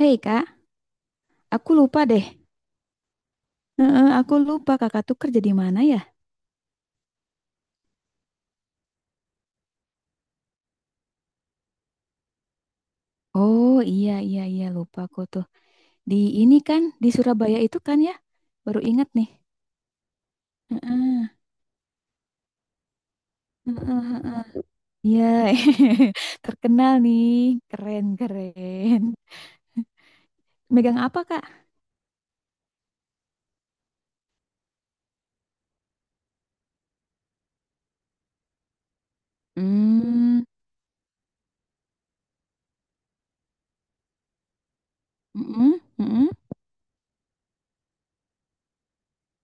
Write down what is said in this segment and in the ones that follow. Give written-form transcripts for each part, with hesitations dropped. Hei kak, aku lupa deh. Heeh, aku lupa kakak tuh kerja di mana ya? Oh iya iya iya lupa aku tuh. Di ini kan di Surabaya itu kan ya? Baru ingat nih. Heeh, heeh, heeh. Iya, terkenal nih. Keren keren. Megang apa kak? Hmm, mm-mm, mm-mm,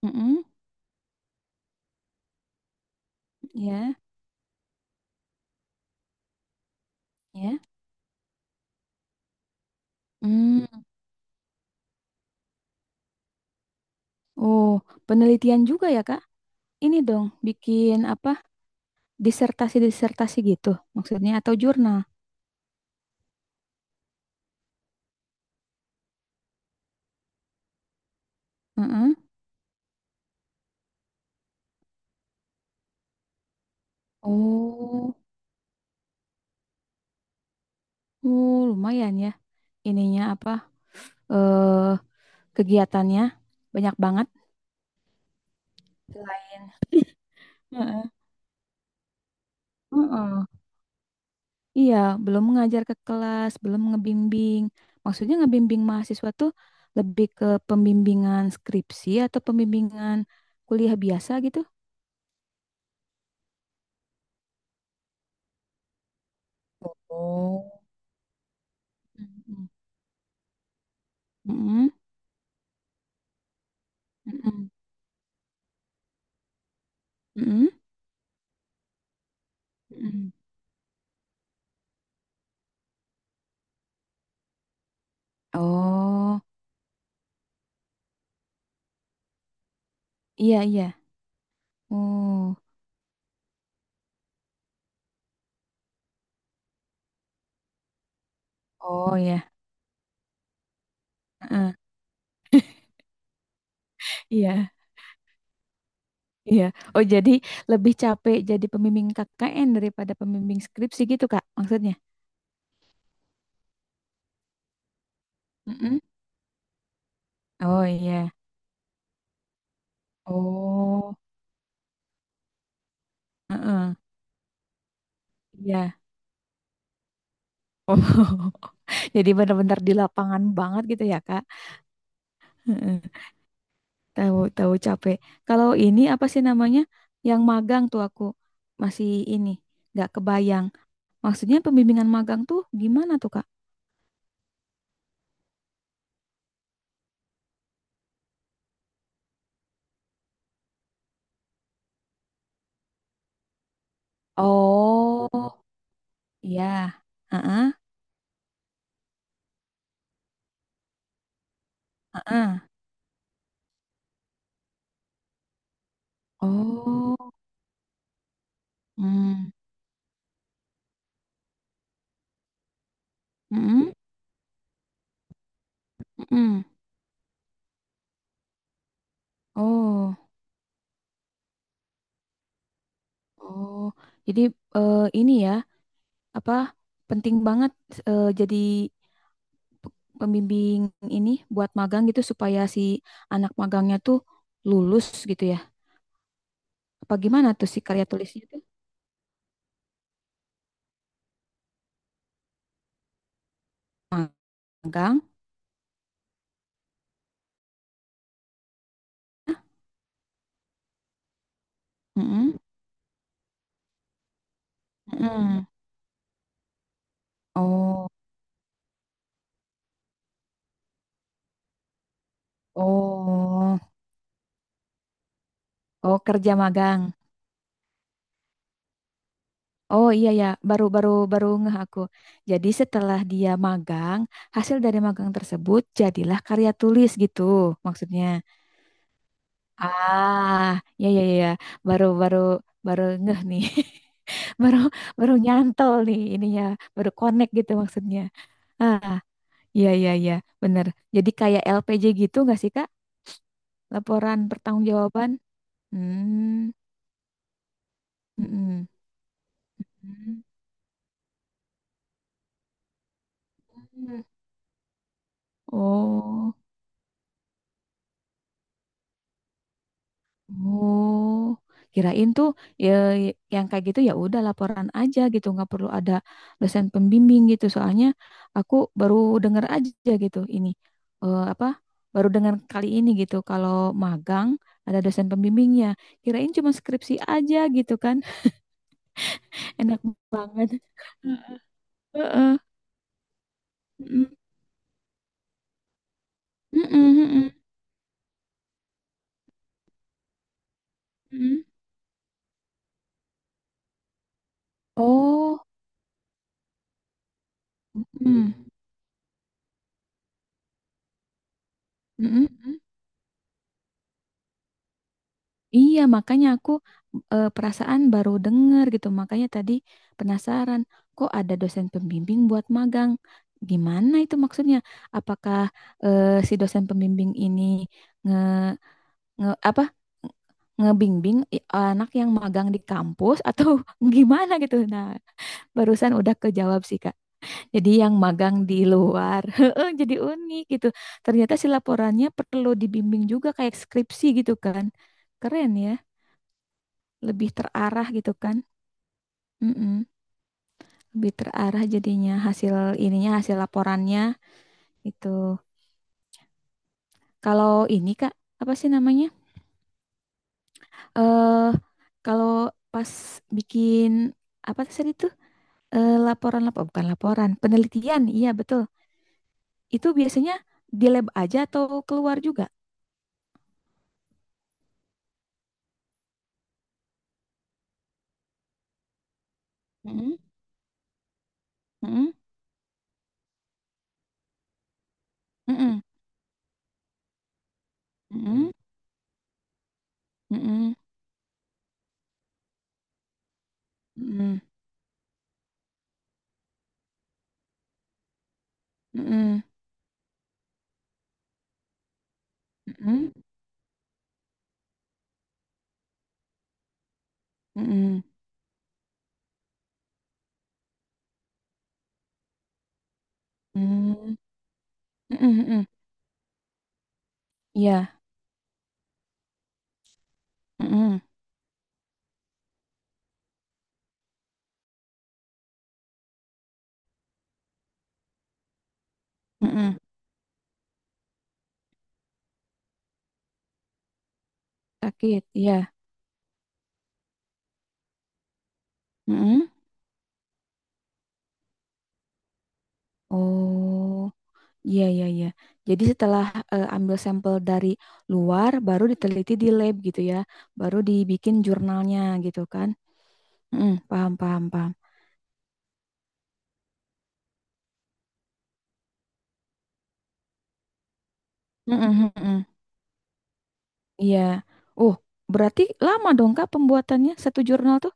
mm-mm. Ya, ya. Hmm. Oh, penelitian juga ya kak? Ini dong, bikin apa? Disertasi-disertasi gitu maksudnya atau jurnal? Mm-mm. Oh, oh, lumayan ya. Ininya apa? Eh, kegiatannya banyak banget. Selain. Heeh. Heeh. Iya, belum mengajar ke kelas, belum ngebimbing. Maksudnya ngebimbing mahasiswa tuh lebih ke pembimbingan skripsi atau pembimbingan kuliah biasa gitu. Oh. Mm-mm. Mm-mm. Mm-mm. Mm-mm. Oh, iya iya. Oh, oh ya. Heeh. Iya. Iya. Oh, jadi lebih capek jadi pembimbing KKN daripada pembimbing skripsi gitu, Kak, maksudnya. Mm-mm. Oh, iya. Oh, heeh, iya. Oh. Jadi benar-benar di lapangan banget gitu ya, Kak. Heeh. Tahu tahu capek. Kalau ini apa sih namanya? Yang magang tuh aku masih ini nggak kebayang. Maksudnya pembimbingan magang tuh gimana tuh, Kak? Oh, iya. Heeh. Oh. Hmm. Mm-mm. Mm-mm. Oh. Oh, jadi ini ya, apa penting banget jadi pe- pembimbing ini buat magang gitu supaya si anak magangnya tuh lulus gitu ya. Apa gimana tuh si karya tulisnya tuh? Magang? Mm-mm. Mm-mm. Oh, oh, oh kerja magang. Oh iya ya, baru ngeh aku. Jadi setelah dia magang, hasil dari magang tersebut jadilah karya tulis gitu maksudnya. Ah, ya ya ya, ya. Baru baru Baru ngeh nih. Baru baru nyantol nih ininya, baru connect gitu maksudnya. Ah, iya iya iya, bener. Jadi kayak LPJ gitu nggak sih, Kak? Laporan pertanggungjawaban. Hmm. Mm-mm. Hmm. Hmm. Oh. Oh, kirain tuh ya yang kayak gitu ya udah laporan aja gitu, nggak perlu ada dosen pembimbing gitu. Soalnya aku baru dengar aja gitu ini apa? Baru dengar kali ini gitu kalau magang ada dosen pembimbingnya. Kirain cuma skripsi aja gitu kan. Enak banget. Heeh. Mm-mm. Mm-mm, mm-mm, mm-mm. Oh, mm-mm. Mm-mm, mm-mm. Iya, makanya aku perasaan baru denger gitu. Makanya tadi penasaran, kok ada dosen pembimbing buat magang? Gimana itu maksudnya? Apakah si dosen pembimbing ini nge, nge apa ngebimbing anak yang magang di kampus atau gimana gitu? Nah, barusan udah kejawab sih, Kak. Jadi yang magang di luar, heeh, jadi unik gitu. Ternyata si laporannya perlu dibimbing juga kayak skripsi gitu kan. Keren ya lebih terarah gitu kan. Mm-mm. Lebih terarah jadinya hasil ininya hasil laporannya itu. Kalau ini Kak, apa sih namanya? Eh kalau pas bikin apa tadi itu? Eh, laporan laporan bukan laporan, penelitian. Iya, betul. Itu biasanya di lab aja atau keluar juga? Mm-mm, mm-mm, mm-mm, mm-mm, Hmm. Mm-mm, mm-mm, mm-mm, mm-mm, mm-mm, mm-mm, mm-mm, mm-mm. Iya. Mm-mm, mm-mm. Sakit, ya. Mm-mm. Oh, iya iya iya. Jadi setelah ambil sampel dari luar, baru diteliti di lab gitu ya, baru dibikin jurnalnya gitu kan? Mm, paham paham paham. Mm-mm, mm-mm. Iya. Oh, berarti lama dong Kak pembuatannya satu jurnal tuh?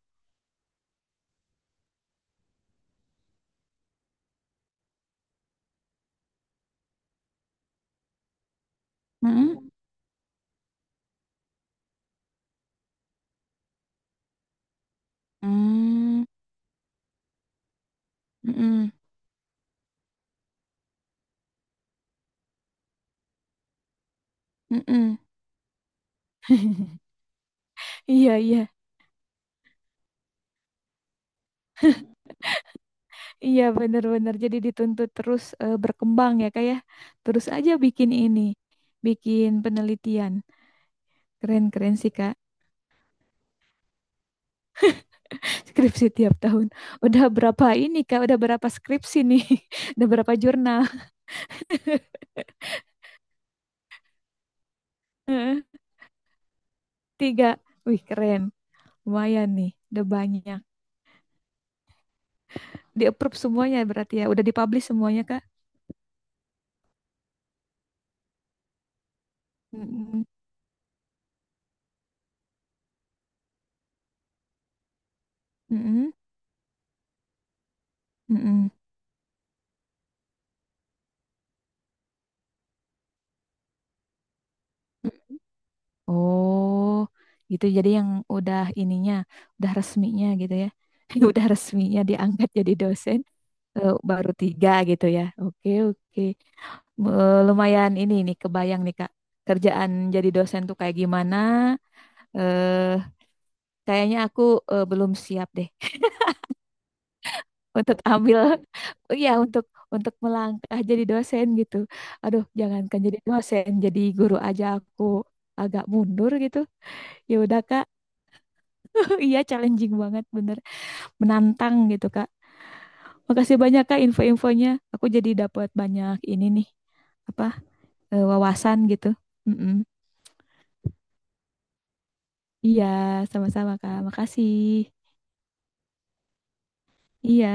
Mm-mm. Mm, mm-mm, mm-mm. Iya iya iya benar-benar. Jadi dituntut terus berkembang ya Kak ya. Terus aja bikin ini, bikin penelitian. Keren keren sih Kak. Skripsi tiap tahun. Udah berapa ini Kak? Udah berapa skripsi nih? Udah berapa jurnal? Tiga. Wih, keren. Lumayan nih. Udah banyak. Di approve semuanya berarti ya. Udah dipublish semuanya Kak? Mm-mm. Mm-mm. Mm-mm. Oh, gitu. Jadi yang udah ininya, udah resminya gitu ya. Udah resminya diangkat jadi dosen. Eh, baru tiga gitu ya. Oke, oke. Eh, lumayan ini nih kebayang nih Kak. Kerjaan jadi dosen tuh kayak gimana? Eh, Kayaknya aku belum siap deh untuk ambil ya untuk melangkah jadi dosen gitu. Aduh, jangankan jadi dosen, jadi guru aja aku agak mundur gitu. Ya udah Kak. Iya, challenging banget bener. Menantang gitu Kak. Makasih banyak Kak info-infonya. Aku jadi dapat banyak ini nih apa wawasan gitu. Mm-mm. Iya, sama-sama Kak. Makasih. Iya.